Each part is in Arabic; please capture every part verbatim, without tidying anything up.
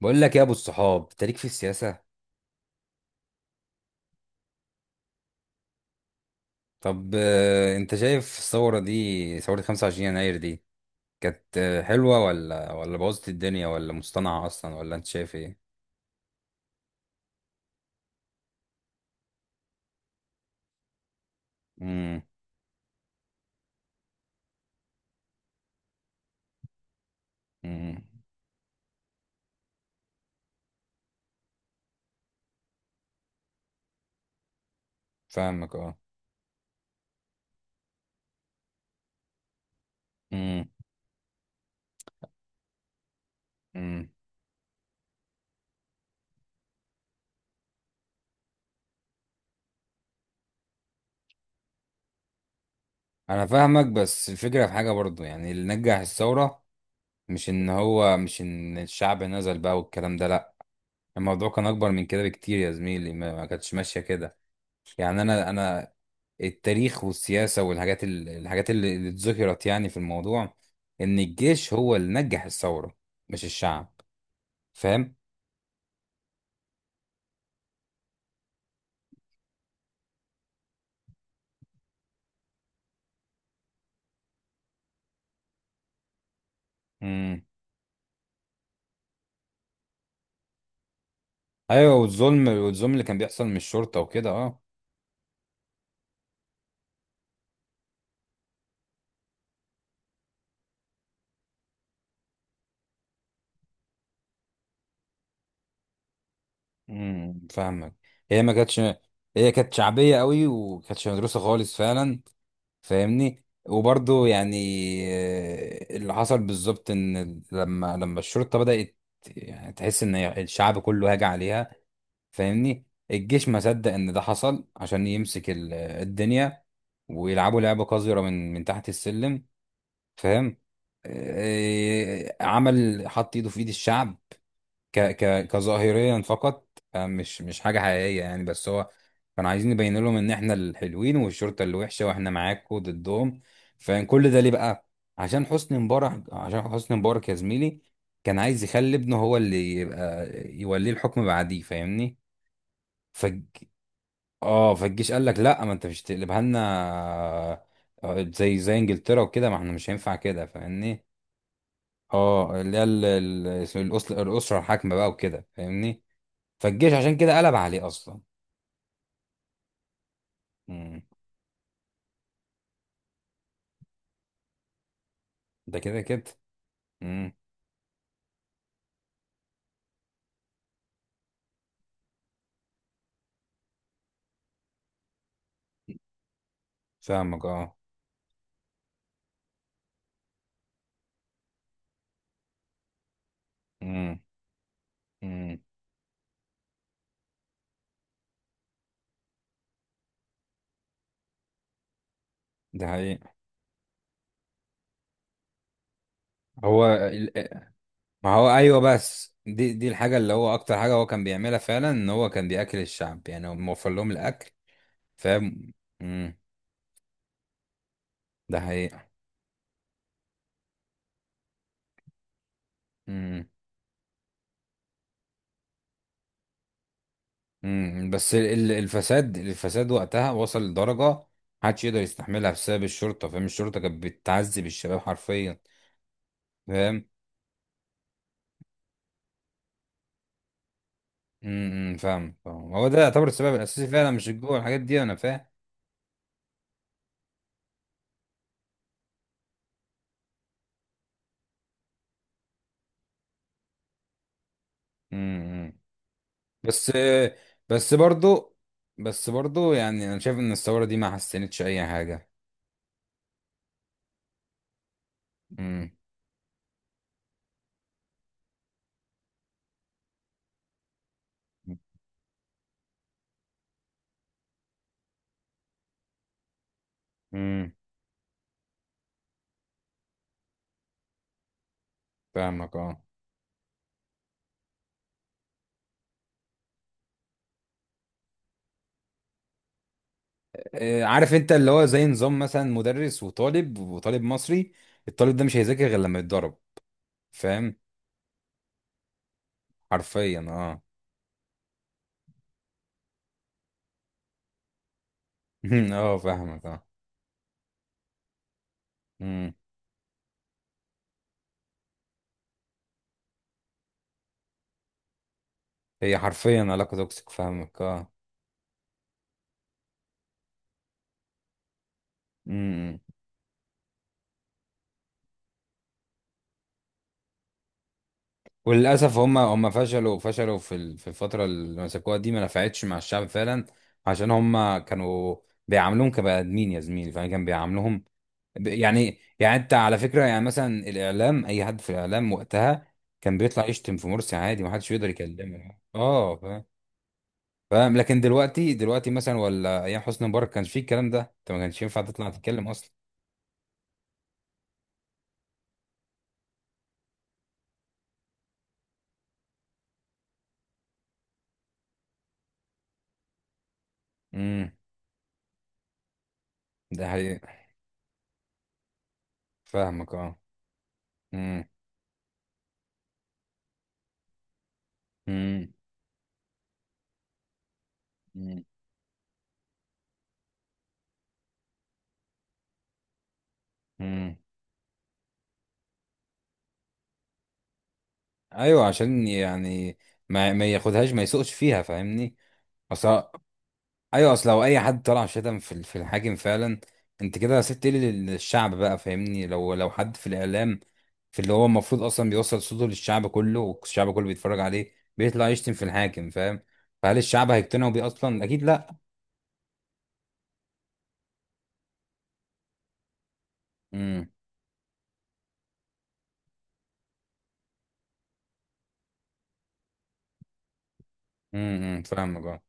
بقول لك يا ابو الصحاب انت ليك في السياسه. طب آه، انت شايف الثوره دي، ثوره خمسة وعشرين يناير دي كانت آه، حلوه ولا ولا بوظت الدنيا، ولا مصطنعه اصلا، ولا انت شايف ايه؟ امم. امم. فاهمك اه. امم. امم. انا فاهمك، بس الفكره في حاجه برضو، يعني اللي نجح الثوره مش ان هو، مش ان الشعب نزل بقى والكلام ده، لا. الموضوع كان اكبر من كده بكتير يا زميلي، ما ما كانتش ماشيه كده. يعني انا انا التاريخ والسياسه والحاجات ال- الحاجات اللي اللي اتذكرت يعني في الموضوع، ان الجيش هو اللي نجح الثوره، مش الشعب. فاهم. امم. ايوه، والظلم، والظلم اللي كان بيحصل من الشرطه وكده اه. امم. فاهمك. هي ما كانتش، هي كانت شعبيه قوي وكانتش مدروسه خالص فعلا، فاهمني. وبرضه يعني آه، اللي حصل بالظبط ان لما لما الشرطه بدات يعني تحس ان الشعب كله هاجع عليها، فاهمني. الجيش ما صدق ان ده حصل عشان يمسك ال- الدنيا، ويلعبوا لعبة قذرة من من تحت السلم. فاهم. إيه، عمل حط ايده في ايد الشعب، ك ك كظاهريا فقط. آه، مش مش حاجة حقيقية يعني، بس هو كانوا عايزين يبين لهم ان احنا الحلوين، والشرطة اللي وحشة، واحنا معاكم ضدهم. فكان كل ده ليه بقى؟ عشان حسني مبارك، عشان حسني مبارك يا زميلي، كان عايز يخلي ابنه هو اللي يبقى، يوليه الحكم بعديه. فاهمني. اه. فالجيش قال لك لا، ما انت مش تقلبها لنا آه، زي زي انجلترا وكده، ما احنا مش هينفع كده. فاهمني. اه، اللي هي ال- ال- الأسل- الاسره الحاكمه بقى وكده. فاهمني. فالجيش عشان كده قلب عليه اصلا. امم. ده كده كده. امم. فاهمك اه. امم. امم. ده حقيقي. هو ال- ما هو ايوه، بس دي دي الحاجه اللي هو اكتر حاجه هو كان بيعملها فعلا، ان هو كان بياكل الشعب، يعني هو موفر لهم الاكل. فاهم. امم. ده حقيقي. مم. بس ال- ال- الفساد، الفساد وقتها وصل لدرجة محدش يقدر يستحملها، بسبب الشرطة. فاهم. الشرطة كانت بتعذب الشباب حرفيا. فاهم. امم. فاهم. فاهم. هو ده يعتبر السبب الأساسي فعلا، مش الجوع، الحاجات دي. أنا فاهم. امم. بس، بس برضو، بس برضو يعني أنا شايف إن الثورة دي ما حسنتش أي حاجة. امم. امم. فاهمك اه. آه، عارف أنت اللي هو زي نظام مثلا مدرس وطالب، وطالب مصري، الطالب ده مش هيذاكر غير لما يتضرب. فاهم، حرفيا اه. اه فاهمك اه. مم. هي حرفيا علاقة توكسيك. فاهمك اه. مم. وللأسف هم هم فشلوا، فشلوا في ال- في الفترة اللي مسكوها دي، ما نفعتش مع الشعب فعلا. عشان هم كانوا بيعاملوهم كبني آدمين يا زميلي، فاهم؟ كان بيعاملوهم ب- يعني، يعني انت على فكرة، يعني مثلا الإعلام، أي حد في الإعلام وقتها كان بيطلع يشتم في مرسي عادي، ما حدش يقدر يكلمه اه. فاهم. فاهم. لكن دلوقتي، دلوقتي مثلا، ولا أيام حسني مبارك، كانش فيه الكلام ده، انت ما كانش ينفع تطلع تتكلم أصلا. امم. ده حقيقي. فاهمك اه. امم. امم. امم. أمم. ايوه، عشان يعني ما ما ياخدهاش، ما يسوقش فيها. فاهمني. اصل، ايوه اصل لو اي حد طلع شتم في ال- في الحاكم فعلا، انت كده سبت ايه لل- للشعب بقى؟ فاهمني؟ لو لو حد في الاعلام، في اللي هو المفروض اصلا بيوصل صوته للشعب كله، والشعب كله بيتفرج عليه، بيطلع يشتم في الحاكم، فاهم؟ فهل الشعب هيقتنعوا بيه اصلا؟ اكيد لا. امم. امم. أمم. فاهمك آه.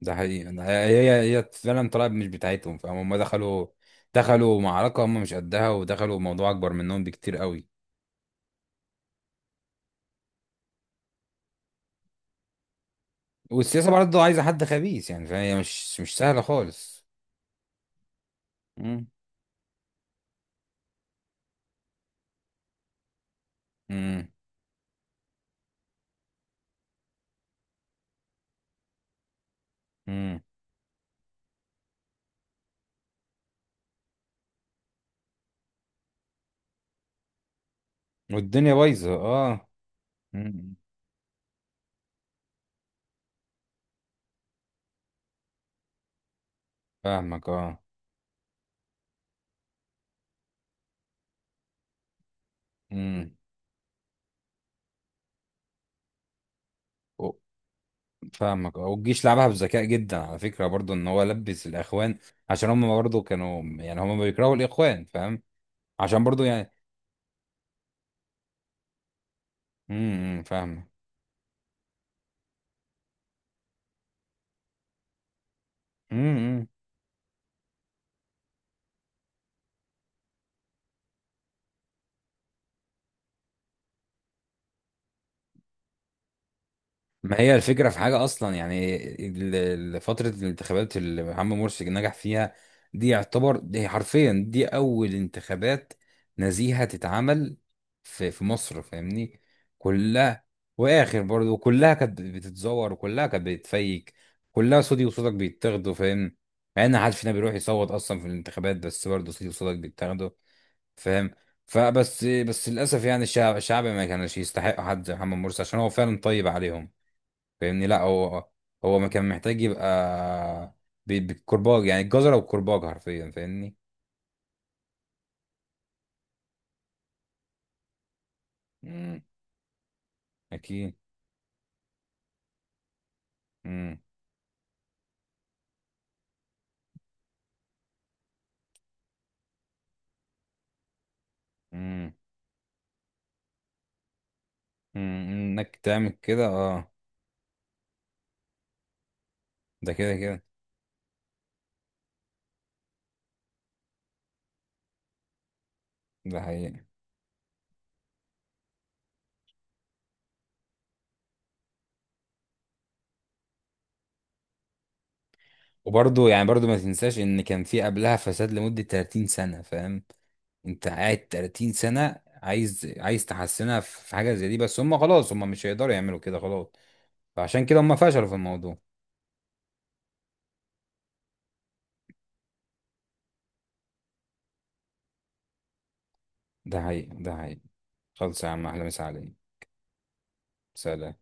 ده حقيقي. أنا- هي هي هي فعلا طلعت مش بتاعتهم. فاهم، هم دخلوا، دخلوا معركة هم مش قدها، ودخلوا موضوع أكبر منهم بكتير قوي. والسياسة برضه عايزة حد خبيث، يعني فهي مش مش سهلة خالص. مم. مم. مم. والدنيا بايظة اه. مم. فاهمك اه. مم. و- فاهمك اه. والجيش لعبها بذكاء جدا على فكرة برضه، ان هو لبس الاخوان، عشان هم برضه كانوا، يعني هم بيكرهوا الاخوان. فاهم. عشان برضه يعني، امم. فاهمك. ما هي الفكرة في حاجة أصلا، يعني ال- ال- فترة الانتخابات اللي محمد مرسي نجح فيها دي، يعتبر دي حرفيا، دي أول انتخابات نزيهة تتعمل في في مصر. فاهمني. كلها، وآخر برضه، وكلها كانت بتتزور، وكلها كانت بتفيك، كلها صوتي وصوتك بيتاخدوا، فاهم؟ مع إن محدش فينا بيروح يصوت أصلا في الانتخابات، بس برضه صوتي وصوتك بيتاخدوا. فاهم. فبس، بس للأسف يعني الشعب، الشعب ما كانش يستحق حد زي محمد مرسي، عشان هو فعلا طيب عليهم. فاهمني؟ لا، هو، هو ما كان محتاج يبقى بي- بالكرباج، يعني الجزرة والكرباج حرفيا. فاهمني. مم. أكيد. مم. مم. مم. إنك تعمل كده اه. ده كده كده. ده حقيقي. وبرضه يعني برضه ما تنساش إن كان في قبلها فساد لمدة تلاتين سنة. فاهم. أنت قاعد تلاتين سنة، عايز عايز تحسنها في في حاجة زي دي؟ بس هم خلاص، هم مش هيقدروا يعملوا كده خلاص. فعشان كده هم فشلوا في الموضوع. ده حقيقي. ده حقيقي. خلص يا عم، أحلى مسا عليك. سلام.